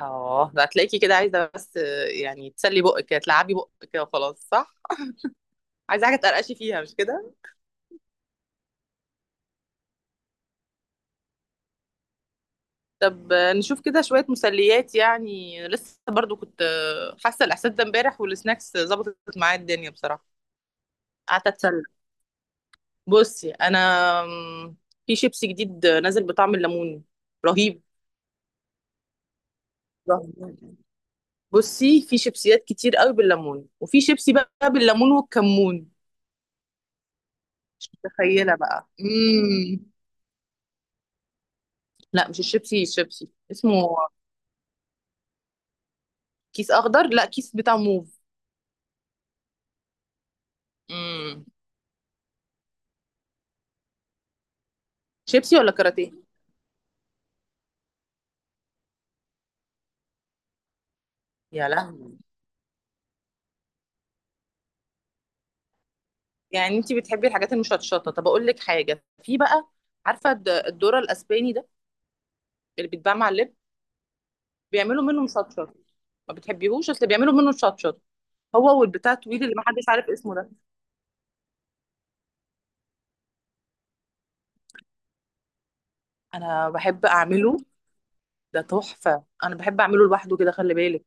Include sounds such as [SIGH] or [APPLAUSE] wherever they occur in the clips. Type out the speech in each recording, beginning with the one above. اه ده هتلاقيكي كده عايزه بس يعني تسلي بقك كده تلعبي بقك كده وخلاص صح. عايزه حاجه تقرقشي فيها مش كده؟ طب نشوف كده شويه مسليات، يعني لسه برضو كنت حاسه الاحساس ده امبارح والسناكس ظبطت معايا الدنيا بصراحه. قعدت اتسلى. بصي انا، آم، في شيبسي جديد نازل بطعم الليمون، رهيب. رهيب. بصي، في شيبسيات كتير قوي بالليمون، وفي شيبسي بقى بالليمون والكمون. مش متخيله بقى. لا، مش الشيبسي الشيبسي اسمه. كيس اخضر؟ لا، كيس بتاع موف. امم شيبسي ولا كاراتيه؟ يا لهوي. يعني انت بتحبي الحاجات المشطشطه، طب اقول لك حاجه في بقى. عارفه الذره الاسباني ده اللي بيتباع مع اللب؟ بيعملوا منه مشطشط. ما بتحبيهوش؟ اصل بيعملوا منه مشطشط هو والبتاع الطويل اللي ما حدش عارف اسمه ده. انا بحب اعمله. ده تحفه، انا بحب اعمله لوحده كده، خلي بالك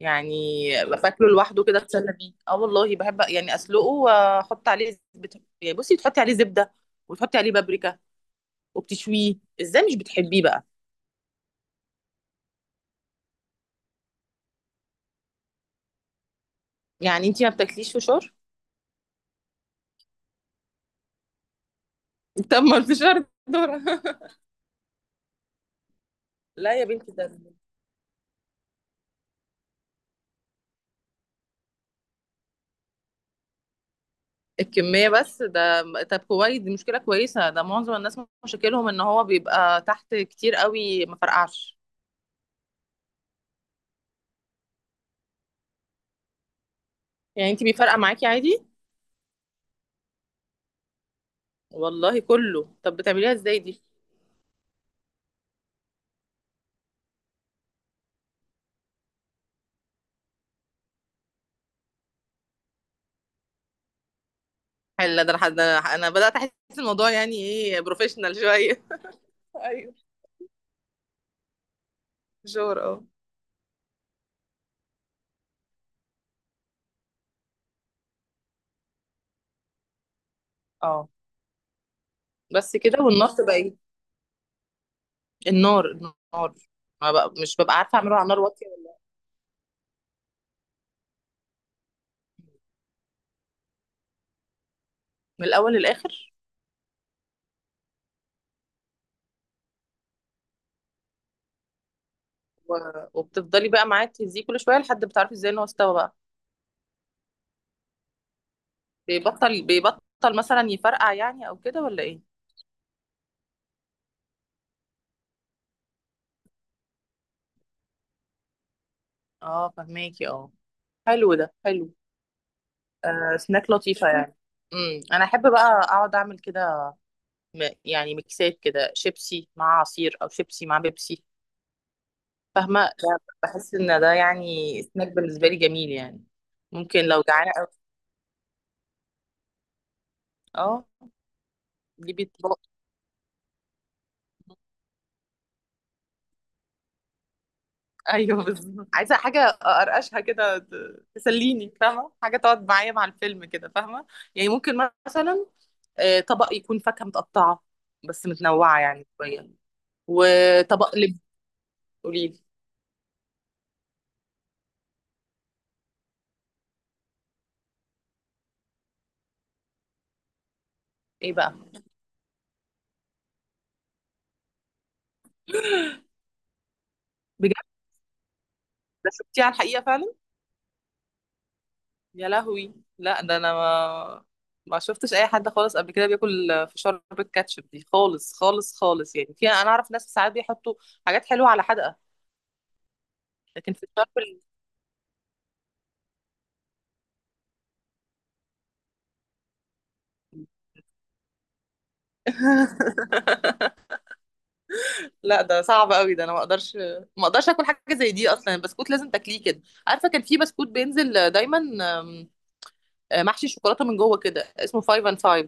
يعني. باكله لوحده كده، اتسلى بيه. اه والله بحب يعني اسلقه واحط عليه زبده، يعني بصي تحطي عليه زبده وتحطي عليه بابريكا وبتشويه. ازاي مش بتحبيه بقى؟ يعني انتي ما بتاكليش فشار؟ [LAUGHS] طب ما الفشار ذرة. [LAUGHS] لا يا بنتي، ده الكمية بس ده. طب كويس، دي مشكلة كويسة، ده معظم الناس مشاكلهم ان هو بيبقى تحت كتير قوي ما فرقعش. يعني انتي بيفرقع معاكي عادي؟ والله كله. طب بتعمليها ازاي دي؟ حلو ده، لحد ده انا بدأت احس الموضوع يعني ايه، بروفيشنال شوية. [LAUGHS] ايوه، فشار اه. اه بس كده؟ والنار تبقى ايه؟ النار، النار، ما بقى مش ببقى عارفة اعمله على نار واطية من الاول للاخر. وبتفضلي بقى معاه تهزيه كل شويه لحد بتعرفي ازاي ان هو استوى بقى. بيبطل، بيبطل مثلا يفرقع يعني، او كده، ولا ايه؟ اه، فهماكي اه. حلو ده، حلو. آه، سناك لطيفه يعني. انا احب بقى اقعد اعمل كده، يعني ميكسات كده، شيبسي مع عصير او شيبسي مع بيبسي. فاهمه؟ ده بحس ان ده يعني سناك بالنسبه لي جميل يعني. ممكن لو جعانه أوي، اه. دي ايوه بالظبط، عايزه حاجه ارقشها كده، تسليني، فاهمه؟ حاجه تقعد معايا مع الفيلم كده، فاهمه؟ يعني ممكن مثلا طبق يكون فاكهه متقطعه بس متنوعه يعني شويه، وطبق لب. قولي لي. ايه بقى؟ بجد؟ ده شفتيه على الحقيقه فعلا؟ يا لهوي، لا ده انا ما شفتش اي حد خالص قبل كده بياكل فشار بالكاتشب دي خالص خالص خالص. يعني في، انا اعرف ناس ساعات بيحطوا حاجات حلوه على حدقه، لكن فشار بال... [LAUGHS] لا ده صعب قوي، ده انا ما اقدرش، ما اقدرش اكل حاجه زي دي. اصلا البسكوت لازم تاكليه كده. عارفه كان في بسكوت بينزل دايما، آم، محشي شوكولاته من جوه كده، اسمه فايف اند فايف،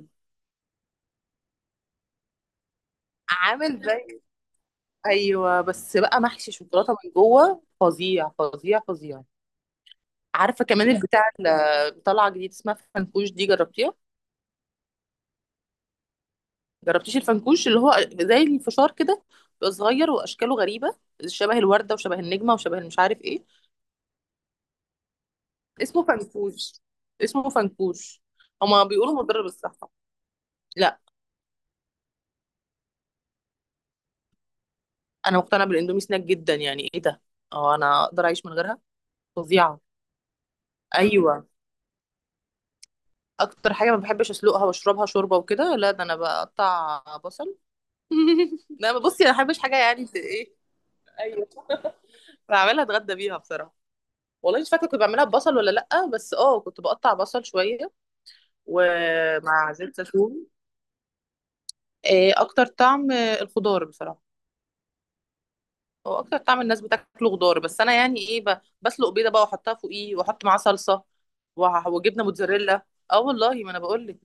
عامل زي... ايوه، بس بقى محشي شوكولاته من جوه، فظيع فظيع فظيع. عارفه كمان البتاع اللي طالعه جديد اسمها فنكوش؟ دي جربتيها؟ جربتيش الفنكوش، اللي هو زي الفشار كده، بيبقى صغير واشكاله غريبه، شبه الورده وشبه النجمه وشبه مش عارف ايه. اسمه فنكوش. اسمه فنكوش. هما بيقولوا مضر بالصحة. لا، انا مقتنعة بالاندومي سناك جدا، يعني ايه ده. اه، انا اقدر اعيش من غيرها. فظيعة. ايوه. اكتر حاجة ما بحبش اسلقها واشربها شوربة وكده، لا ده انا بقطع بصل. [LAUGHS] لا بصي، انا ما بحبش حاجة يعني ايه. ايوه. [LAUGHS] بعملها اتغدى بيها بصراحة. والله مش فاكرة كنت بعملها ببصل ولا لأ، بس اه كنت بقطع بصل شوية ومع زيت زيتون. إيه، اكتر طعم الخضار بصراحة. هو اكتر طعم الناس بتاكله خضار، بس انا يعني ايه، بسلق بيضه بقى واحطها فوقيه واحط معاه صلصه وجبنه موتزاريلا. اه والله ما انا بقول لك.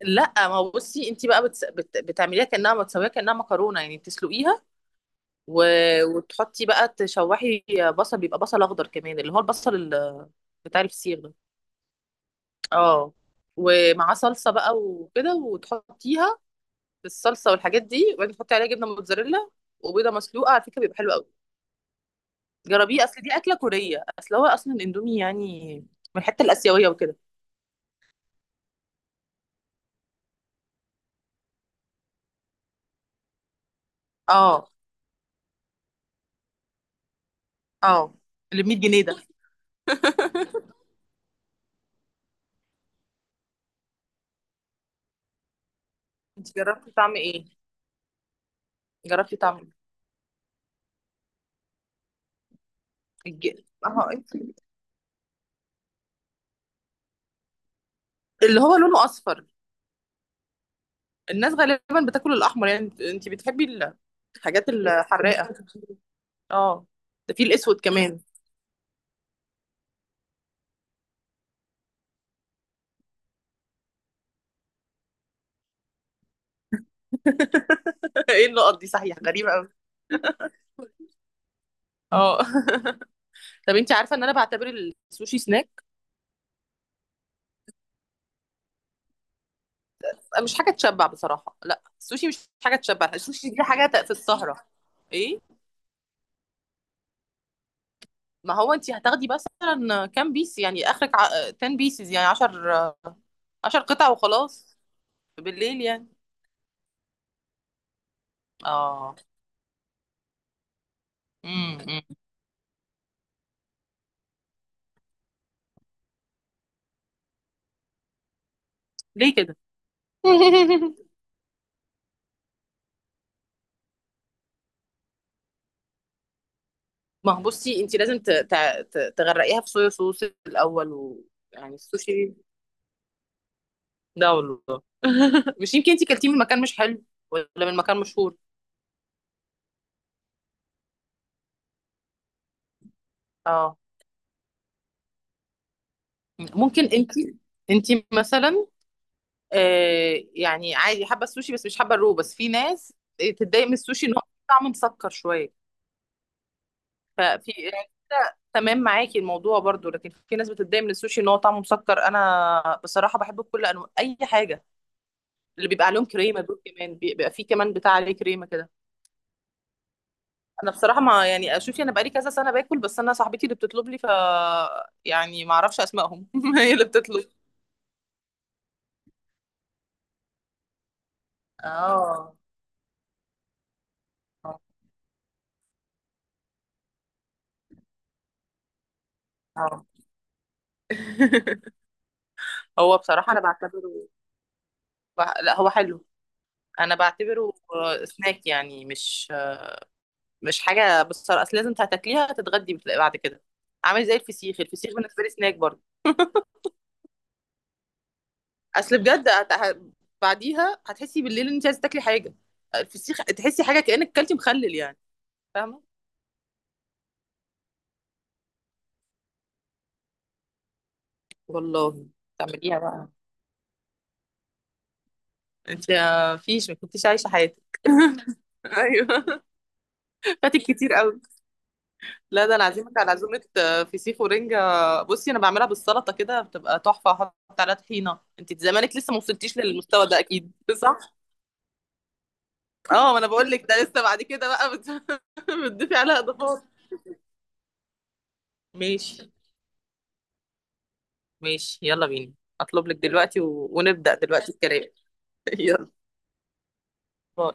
لا، ما هو بصي، انت بقى بتعمليها كانها بتسويها كانها مكرونه، يعني تسلقيها و... وتحطي بقى، تشوحي بصل، بيبقى بصل اخضر كمان، اللي هو البصل بتاع الفسيخ ده، اه، ومعاه صلصه بقى وكده، وتحطيها في الصلصه والحاجات دي، وبعدين تحطي عليها جبنه موتزاريلا وبيضه مسلوقه، على فكره بيبقى حلو قوي. جربيه، اصل دي اكله كوريه، اصل هو اصلا الاندومي يعني من الحته الاسيويه وكده. اه. اه. اللي ب 100 جنيه ده؟ [LAUGHS] انت جربتي طعم ايه؟ جربتي طعم الج... اه، انت اللي هو لونه اصفر. الناس غالبا بتاكل الاحمر، يعني انت، انت بتحبي الحاجات الحراقه. اه. ده في الاسود كمان. [LAUGHS] ايه النقط دي، صحيح غريبه قوي. اه. [LAUGHS] طب انت عارفه ان انا بعتبر السوشي سناك؟ مش حاجه تشبع بصراحه، لا السوشي مش حاجه تشبع، السوشي دي حاجه في السهره. ايه؟ ما هو انت هتاخدي مثلا كام بيس يعني، اخرك ع... 10 بيسز، يعني 10، 10 قطع وخلاص، بالليل يعني. اه. امم ليه كده؟ [LAUGHS] ما هو بصي، انت لازم تغرقيها في صويا صوص الاول و... يعني السوشي ده والله. [LAUGHS] مش يمكن انت كلتيه من مكان مش حلو ولا من مكان مشهور؟ اه. ممكن انت، انت مثلا آه، يعني عادي حابه السوشي بس مش حابه الرو، بس في ناس تتضايق من السوشي ان هو طعمه مسكر شويه. ففي يعني كده تمام معاكي الموضوع برضو، لكن في ناس بتتضايق من السوشي ان هو طعمه مسكر. انا بصراحه بحبه بكل انواع، اي حاجه. اللي بيبقى عليهم كريمه دول كمان، بيبقى فيه كمان بتاع عليه كريمه كده. انا بصراحه، ما يعني شوفي، انا بقالي كذا سنه باكل بس انا صاحبتي اللي بتطلب لي، ف يعني ما اعرفش اسمائهم. [LAUGHS] هي اللي بتطلب. اه. اه. آه. [LAUGHS] هو بصراحه انا بعتبره، بح... لا هو حلو، انا بعتبره سناك يعني، مش مش حاجه بالصراحه اصل لازم تاكليها تتغدي بعد كده. عامل زي الفسيخ، الفسيخ بالنسبه لي سناك برضه. [LAUGHS] اصل بجد بعديها هتحسي بالليل ان انت عايزه تاكلي حاجه. الفسيخ تحسي حاجه كانك كلتي مخلل يعني، فاهمه؟ والله تعمليها بقى. انت ما فيش، ما كنتيش عايشه حياتك. [LAUGHS] ايوه، فاتك كتير قوي. لا ده انا عازمك على عزومه فسيخ ورنجه. بصي، انا بعملها بالسلطه كده، بتبقى تحفه، احط عليها طحينه. انت زمانك لسه ما وصلتيش للمستوى ده اكيد. [LAUGHS] صح. اه، ما انا بقول لك، ده لسه بعد كده بقى [LAUGHS] بتضيفي عليها اضافات. ماشي. ماشي، يلا بينا. اطلب لك دلوقتي و... ونبدأ دلوقتي الكلام. [LAUGHS] يلا. باي.